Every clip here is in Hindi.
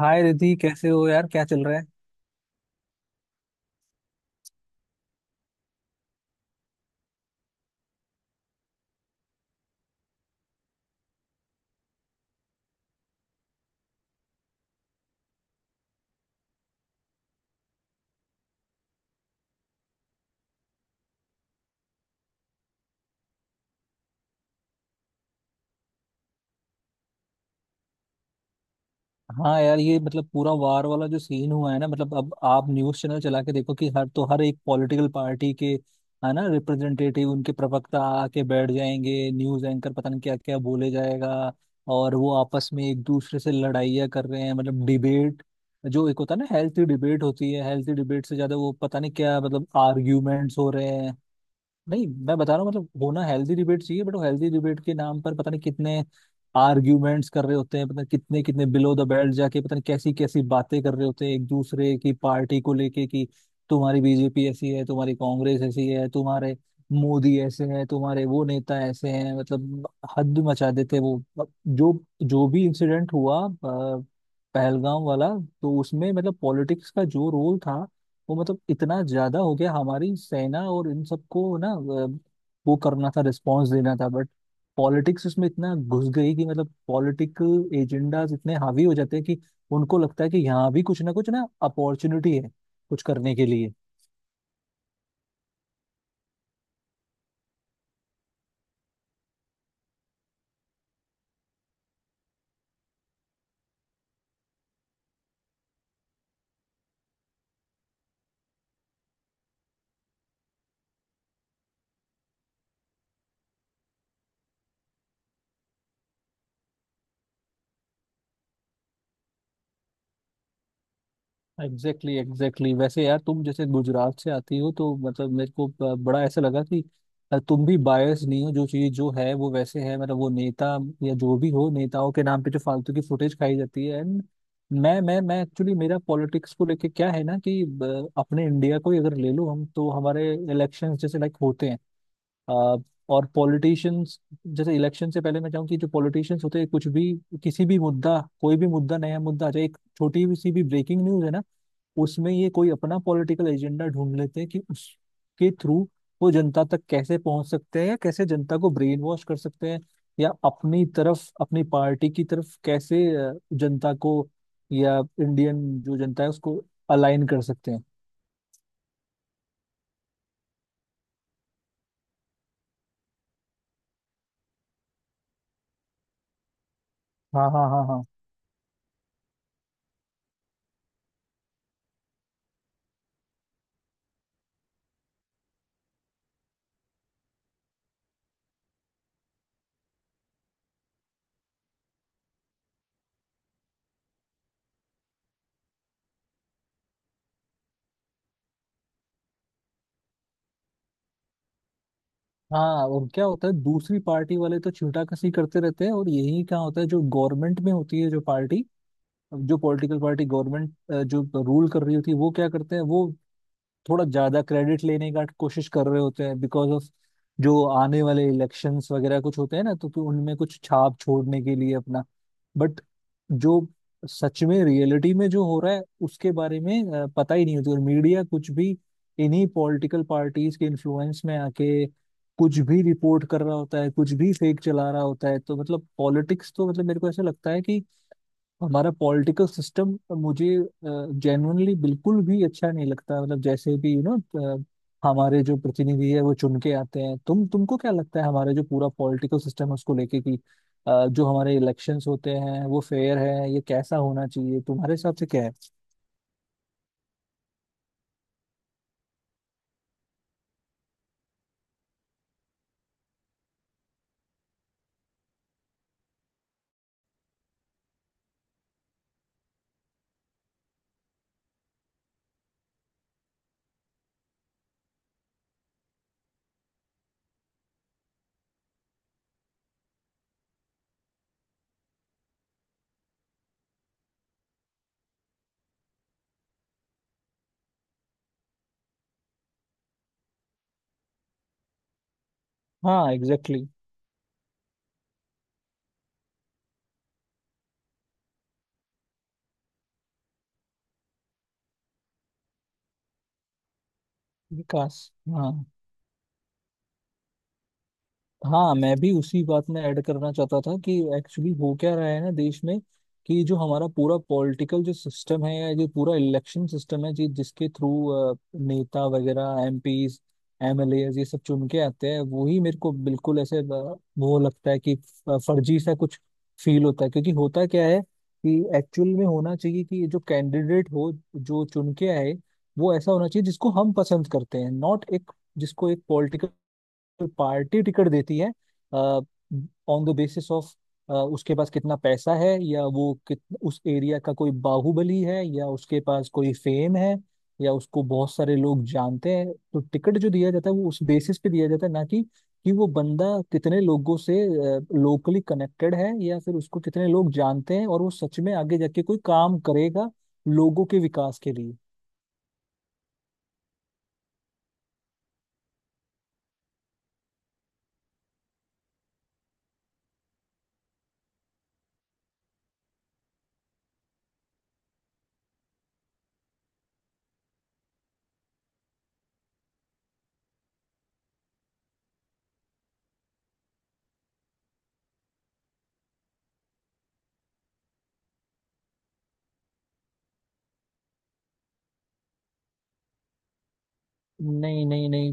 हाय रिद्धि, कैसे हो यार? क्या चल रहा है? हाँ यार, ये मतलब पूरा वार वाला जो सीन हुआ है ना, मतलब अब आप न्यूज़ चैनल चला के देखो कि हर एक पॉलिटिकल पार्टी के है ना, रिप्रेजेंटेटिव, उनके प्रवक्ता आके बैठ जाएंगे, न्यूज़ एंकर, पता नहीं क्या क्या बोले जाएगा। और वो आपस में एक दूसरे से लड़ाइयाँ कर रहे हैं, मतलब डिबेट जो एक होता है ना, हेल्थी डिबेट होती है, हेल्थी डिबेट से ज्यादा वो पता नहीं क्या मतलब आर्ग्यूमेंट्स हो रहे हैं। नहीं, मैं बता रहा हूँ, मतलब होना हेल्दी डिबेट चाहिए, बट वो हेल्दी डिबेट के नाम पर पता नहीं कितने आर्ग्यूमेंट्स कर रहे होते हैं, पता नहीं कितने कितने बिलो द बेल्ट जाके पता नहीं कैसी कैसी बातें कर रहे होते हैं एक दूसरे की पार्टी को लेके कि तुम्हारी बीजेपी ऐसी है, तुम्हारी कांग्रेस ऐसी है, तुम्हारे मोदी ऐसे हैं, तुम्हारे वो नेता ऐसे हैं, मतलब हद मचा देते हैं वो। अब जो जो भी इंसिडेंट हुआ, पहलगाम वाला, तो उसमें मतलब पॉलिटिक्स का जो रोल था वो मतलब इतना ज्यादा हो गया। हमारी सेना और इन सबको ना, वो करना था, रिस्पॉन्स देना था, बट पॉलिटिक्स इसमें इतना घुस गई कि मतलब पॉलिटिकल एजेंडाज इतने हावी हो जाते हैं कि उनको लगता है कि यहाँ भी कुछ ना अपॉर्चुनिटी है कुछ करने के लिए। Exactly exactly, exactly exactly। वैसे यार, तुम जैसे गुजरात से आती हो तो मतलब मेरे को बड़ा ऐसा लगा कि तुम भी बायस नहीं हो, जो चीज जो है वो वैसे है, मतलब वो नेता या जो भी हो, नेताओं के नाम पे जो फालतू की फुटेज खाई जाती है। एंड मैं एक्चुअली, मेरा पॉलिटिक्स को लेके क्या है ना कि अपने इंडिया को ही अगर ले लो हम, तो हमारे इलेक्शंस जैसे लाइक होते हैं, अ, और पॉलिटिशियंस, जैसे इलेक्शन से पहले मैं चाहूँ कि जो पॉलिटिशियंस होते हैं, कुछ भी किसी भी मुद्दा, कोई भी मुद्दा, नया मुद्दा आ जाए, एक छोटी भी सी भी ब्रेकिंग न्यूज है ना, उसमें ये कोई अपना पॉलिटिकल एजेंडा ढूंढ लेते हैं कि उसके थ्रू वो जनता तक कैसे पहुंच सकते हैं, या कैसे जनता को ब्रेन वॉश कर सकते हैं, या अपनी तरफ, अपनी पार्टी की तरफ कैसे जनता को, या इंडियन जो जनता है उसको अलाइन कर सकते हैं। हाँ, हाँ, हाँ, हाँ, हाँ। और क्या होता है, दूसरी पार्टी वाले तो छींटा कसी करते रहते हैं, और यही क्या होता है, जो गवर्नमेंट में होती है जो पार्टी, जो पॉलिटिकल पार्टी गवर्नमेंट, जो रूल कर रही होती है, वो क्या करते हैं, वो थोड़ा ज्यादा क्रेडिट लेने का कोशिश कर रहे होते हैं, बिकॉज ऑफ जो आने वाले इलेक्शंस वगैरह कुछ होते हैं ना, तो कि उनमें कुछ छाप छोड़ने के लिए अपना, बट जो सच में रियलिटी में जो हो रहा है उसके बारे में पता ही नहीं होती, और मीडिया कुछ भी इन्हीं पॉलिटिकल पार्टीज के इन्फ्लुएंस में आके कुछ भी रिपोर्ट कर रहा होता है, कुछ भी फेक चला रहा होता है। तो मतलब पॉलिटिक्स तो मतलब मेरे को ऐसा लगता है कि हमारा पॉलिटिकल सिस्टम मुझे जेन्युइनली बिल्कुल भी अच्छा नहीं लगता, मतलब जैसे भी हमारे जो प्रतिनिधि है वो चुन के आते हैं। तुमको क्या लगता है हमारे जो पूरा पॉलिटिकल सिस्टम है उसको लेके कि जो हमारे इलेक्शंस होते हैं वो फेयर है? ये कैसा होना चाहिए, तुम्हारे हिसाब से क्या है? हाँ एग्जैक्टली exactly। विकास। हाँ, हाँ मैं भी उसी बात में ऐड करना चाहता था कि एक्चुअली हो क्या रहा है ना देश में, कि जो हमारा पूरा पॉलिटिकल जो सिस्टम है या जो पूरा इलेक्शन सिस्टम है जी, जिसके थ्रू नेता वगैरह एमपीज, एमएलए ये सब चुन के आते हैं, वही मेरे को बिल्कुल ऐसे वो लगता है कि फर्जी सा कुछ फील होता है। क्योंकि होता क्या है कि एक्चुअल में होना चाहिए कि जो कैंडिडेट हो, जो चुन के आए, वो ऐसा होना चाहिए जिसको हम पसंद करते हैं, नॉट एक जिसको एक पॉलिटिकल पार्टी टिकट देती है ऑन द बेसिस ऑफ उसके पास कितना पैसा है, या वो कित उस एरिया का कोई बाहुबली है, या उसके पास कोई फेम है, या उसको बहुत सारे लोग जानते हैं। तो टिकट जो दिया जाता है वो उस बेसिस पे दिया जाता है, ना कि वो बंदा कितने लोगों से लोकली कनेक्टेड है, या फिर उसको कितने लोग जानते हैं और वो सच में आगे जाके कोई काम करेगा लोगों के विकास के लिए। नहीं, नहीं, नहीं।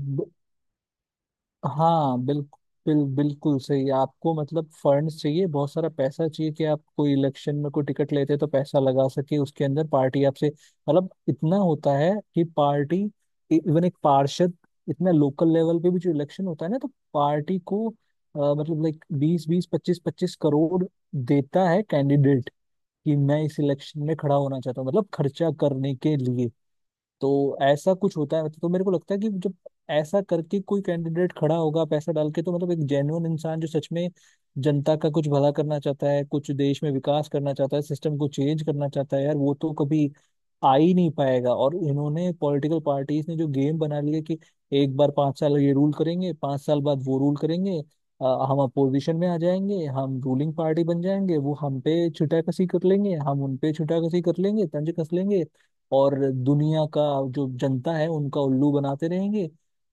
हाँ, बिल्कुल बिल्कुल सही। आपको मतलब फंड्स चाहिए, बहुत सारा पैसा चाहिए कि आप कोई इलेक्शन में कोई टिकट लेते हैं तो पैसा लगा सके, उसके अंदर पार्टी आपसे, मतलब इतना होता है कि पार्टी, इवन एक पार्षद, इतना लोकल लेवल पे भी जो इलेक्शन होता है ना, तो पार्टी को मतलब लाइक बीस बीस पच्चीस पच्चीस करोड़ देता है कैंडिडेट कि मैं इस इलेक्शन में खड़ा होना चाहता हूँ, मतलब खर्चा करने के लिए। तो ऐसा कुछ होता है, तो मेरे को लगता है कि जब ऐसा करके कोई कैंडिडेट खड़ा होगा पैसा डाल के, तो मतलब एक जेन्युइन इंसान जो सच में जनता का कुछ भला करना चाहता है, कुछ देश में विकास करना चाहता है, सिस्टम को चेंज करना चाहता है, यार वो तो कभी आ ही नहीं पाएगा। और इन्होंने पॉलिटिकल पार्टीज ने जो गेम बना लिया कि एक बार 5 साल ये रूल करेंगे, 5 साल बाद वो रूल करेंगे, अ, हम अपोजिशन में आ जाएंगे, हम रूलिंग पार्टी बन जाएंगे, वो हम पे छुटा कसी कर लेंगे, हम उन पे छुटा कसी कर लेंगे, तंज कस लेंगे और दुनिया का जो जनता है उनका उल्लू बनाते रहेंगे।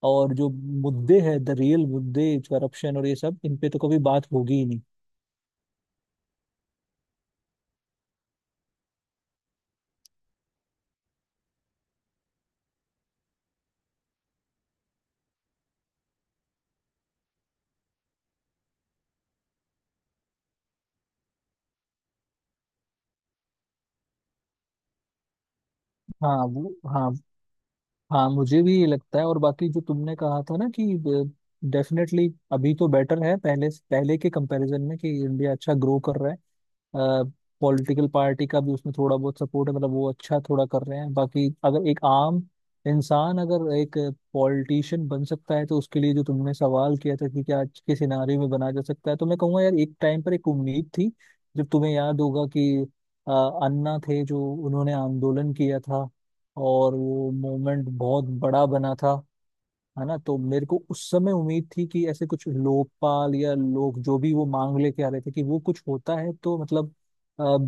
और जो मुद्दे हैं द रियल मुद्दे, करप्शन और ये सब, इन पे तो कभी बात होगी ही नहीं। हाँ वो, हाँ, हाँ मुझे भी ये लगता है। और बाकी जो तुमने कहा था ना कि डेफिनेटली अभी तो बेटर है पहले पहले के कंपैरिजन में, कि इंडिया अच्छा ग्रो कर रहा है, पॉलिटिकल पार्टी का भी उसमें थोड़ा बहुत सपोर्ट है, मतलब वो अच्छा थोड़ा कर रहे हैं। बाकी अगर एक आम इंसान अगर एक पॉलिटिशियन बन सकता है, तो उसके लिए जो तुमने सवाल किया था कि क्या आज के सिनारियो में बना जा सकता है, तो मैं कहूँगा यार, एक टाइम पर एक उम्मीद थी जब तुम्हें याद होगा कि अ, अन्ना थे जो उन्होंने आंदोलन किया था, और वो मोमेंट बहुत बड़ा बना था है ना। तो मेरे को उस समय उम्मीद थी कि ऐसे कुछ लोकपाल या लोग जो भी वो मांग लेके आ रहे थे कि वो कुछ होता है, तो मतलब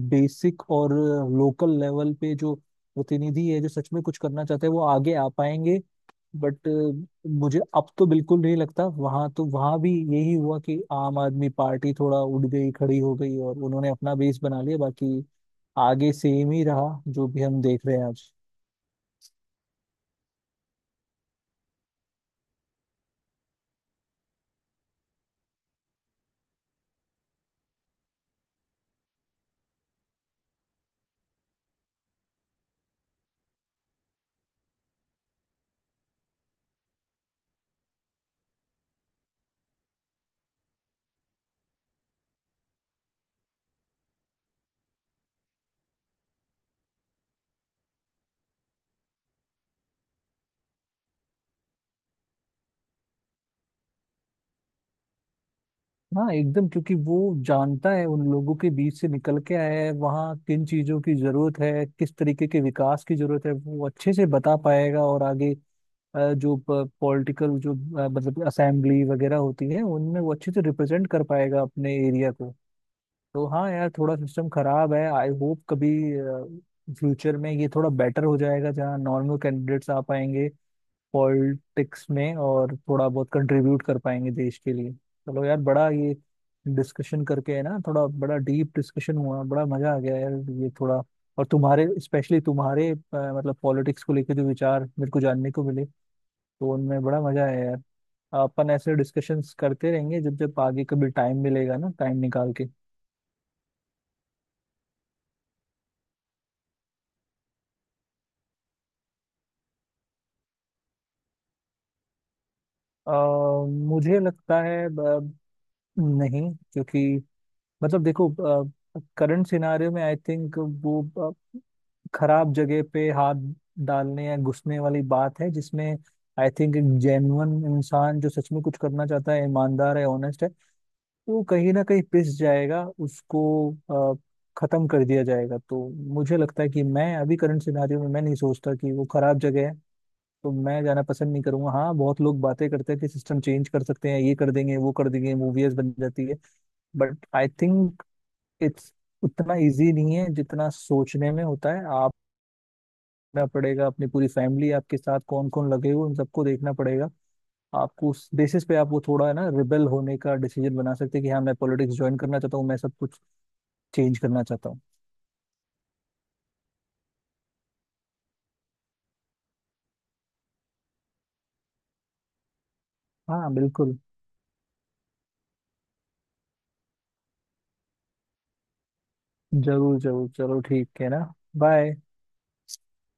बेसिक और लोकल लेवल पे जो प्रतिनिधि है जो सच में कुछ करना चाहते हैं, वो आगे आ पाएंगे। बट मुझे अब तो बिल्कुल नहीं लगता। वहां तो वहां भी यही हुआ कि आम आदमी पार्टी थोड़ा उठ गई, खड़ी हो गई और उन्होंने अपना बेस बना लिया, बाकी आगे सेम ही रहा जो भी हम देख रहे हैं आज। हाँ एकदम, क्योंकि वो जानता है, उन लोगों के बीच से निकल के आया है, वहाँ किन चीजों की जरूरत है, किस तरीके के विकास की जरूरत है वो अच्छे से बता पाएगा। और आगे जो पॉलिटिकल जो मतलब असेंबली वगैरह होती है, उनमें वो अच्छे से रिप्रेजेंट कर पाएगा अपने एरिया को। तो हाँ यार, थोड़ा सिस्टम खराब है, आई होप कभी फ्यूचर में ये थोड़ा बेटर हो जाएगा जहाँ नॉर्मल कैंडिडेट्स आ पाएंगे पॉलिटिक्स में और थोड़ा बहुत कंट्रीब्यूट कर पाएंगे देश के लिए। चलो यार, बड़ा ये डिस्कशन करके, है ना, थोड़ा बड़ा डीप डिस्कशन हुआ, बड़ा मजा आ गया यार। ये थोड़ा, और तुम्हारे स्पेशली तुम्हारे मतलब पॉलिटिक्स को लेकर जो विचार मेरे को जानने को मिले, तो उनमें बड़ा मजा आया यार। अपन ऐसे डिस्कशंस करते रहेंगे जब जब आगे कभी टाइम मिलेगा ना, टाइम निकाल के। अ, मुझे लगता है नहीं, क्योंकि मतलब देखो, करंट सिनारियो में आई थिंक वो खराब जगह पे हाथ डालने या घुसने वाली बात है, जिसमें आई थिंक एक जेन्युइन इंसान जो सच में कुछ करना चाहता है, ईमानदार है, ऑनेस्ट है, वो कहीं ना कहीं पिस जाएगा, उसको अ, खत्म कर दिया जाएगा। तो मुझे लगता है कि मैं अभी करंट सिनारियो में मैं नहीं सोचता कि वो खराब जगह है, तो मैं जाना पसंद नहीं करूंगा। हाँ, बहुत लोग बातें करते हैं कि सिस्टम चेंज कर सकते हैं, ये कर देंगे, वो कर देंगे, मूवीज बन जाती है, बट आई थिंक इट्स उतना इजी नहीं है जितना सोचने में होता है। आप देखना पड़ेगा अपनी पूरी फैमिली आपके साथ, कौन कौन लगे हुए, उन सबको देखना पड़ेगा आपको उस बेसिस पे। आप वो थोड़ा, है ना, रिबेल होने का डिसीजन बना सकते हैं कि हाँ मैं पॉलिटिक्स ज्वाइन करना चाहता हूँ, मैं सब कुछ चेंज करना चाहता हूँ। हाँ बिल्कुल। जरूर जरूर, चलो ठीक है ना। बाय।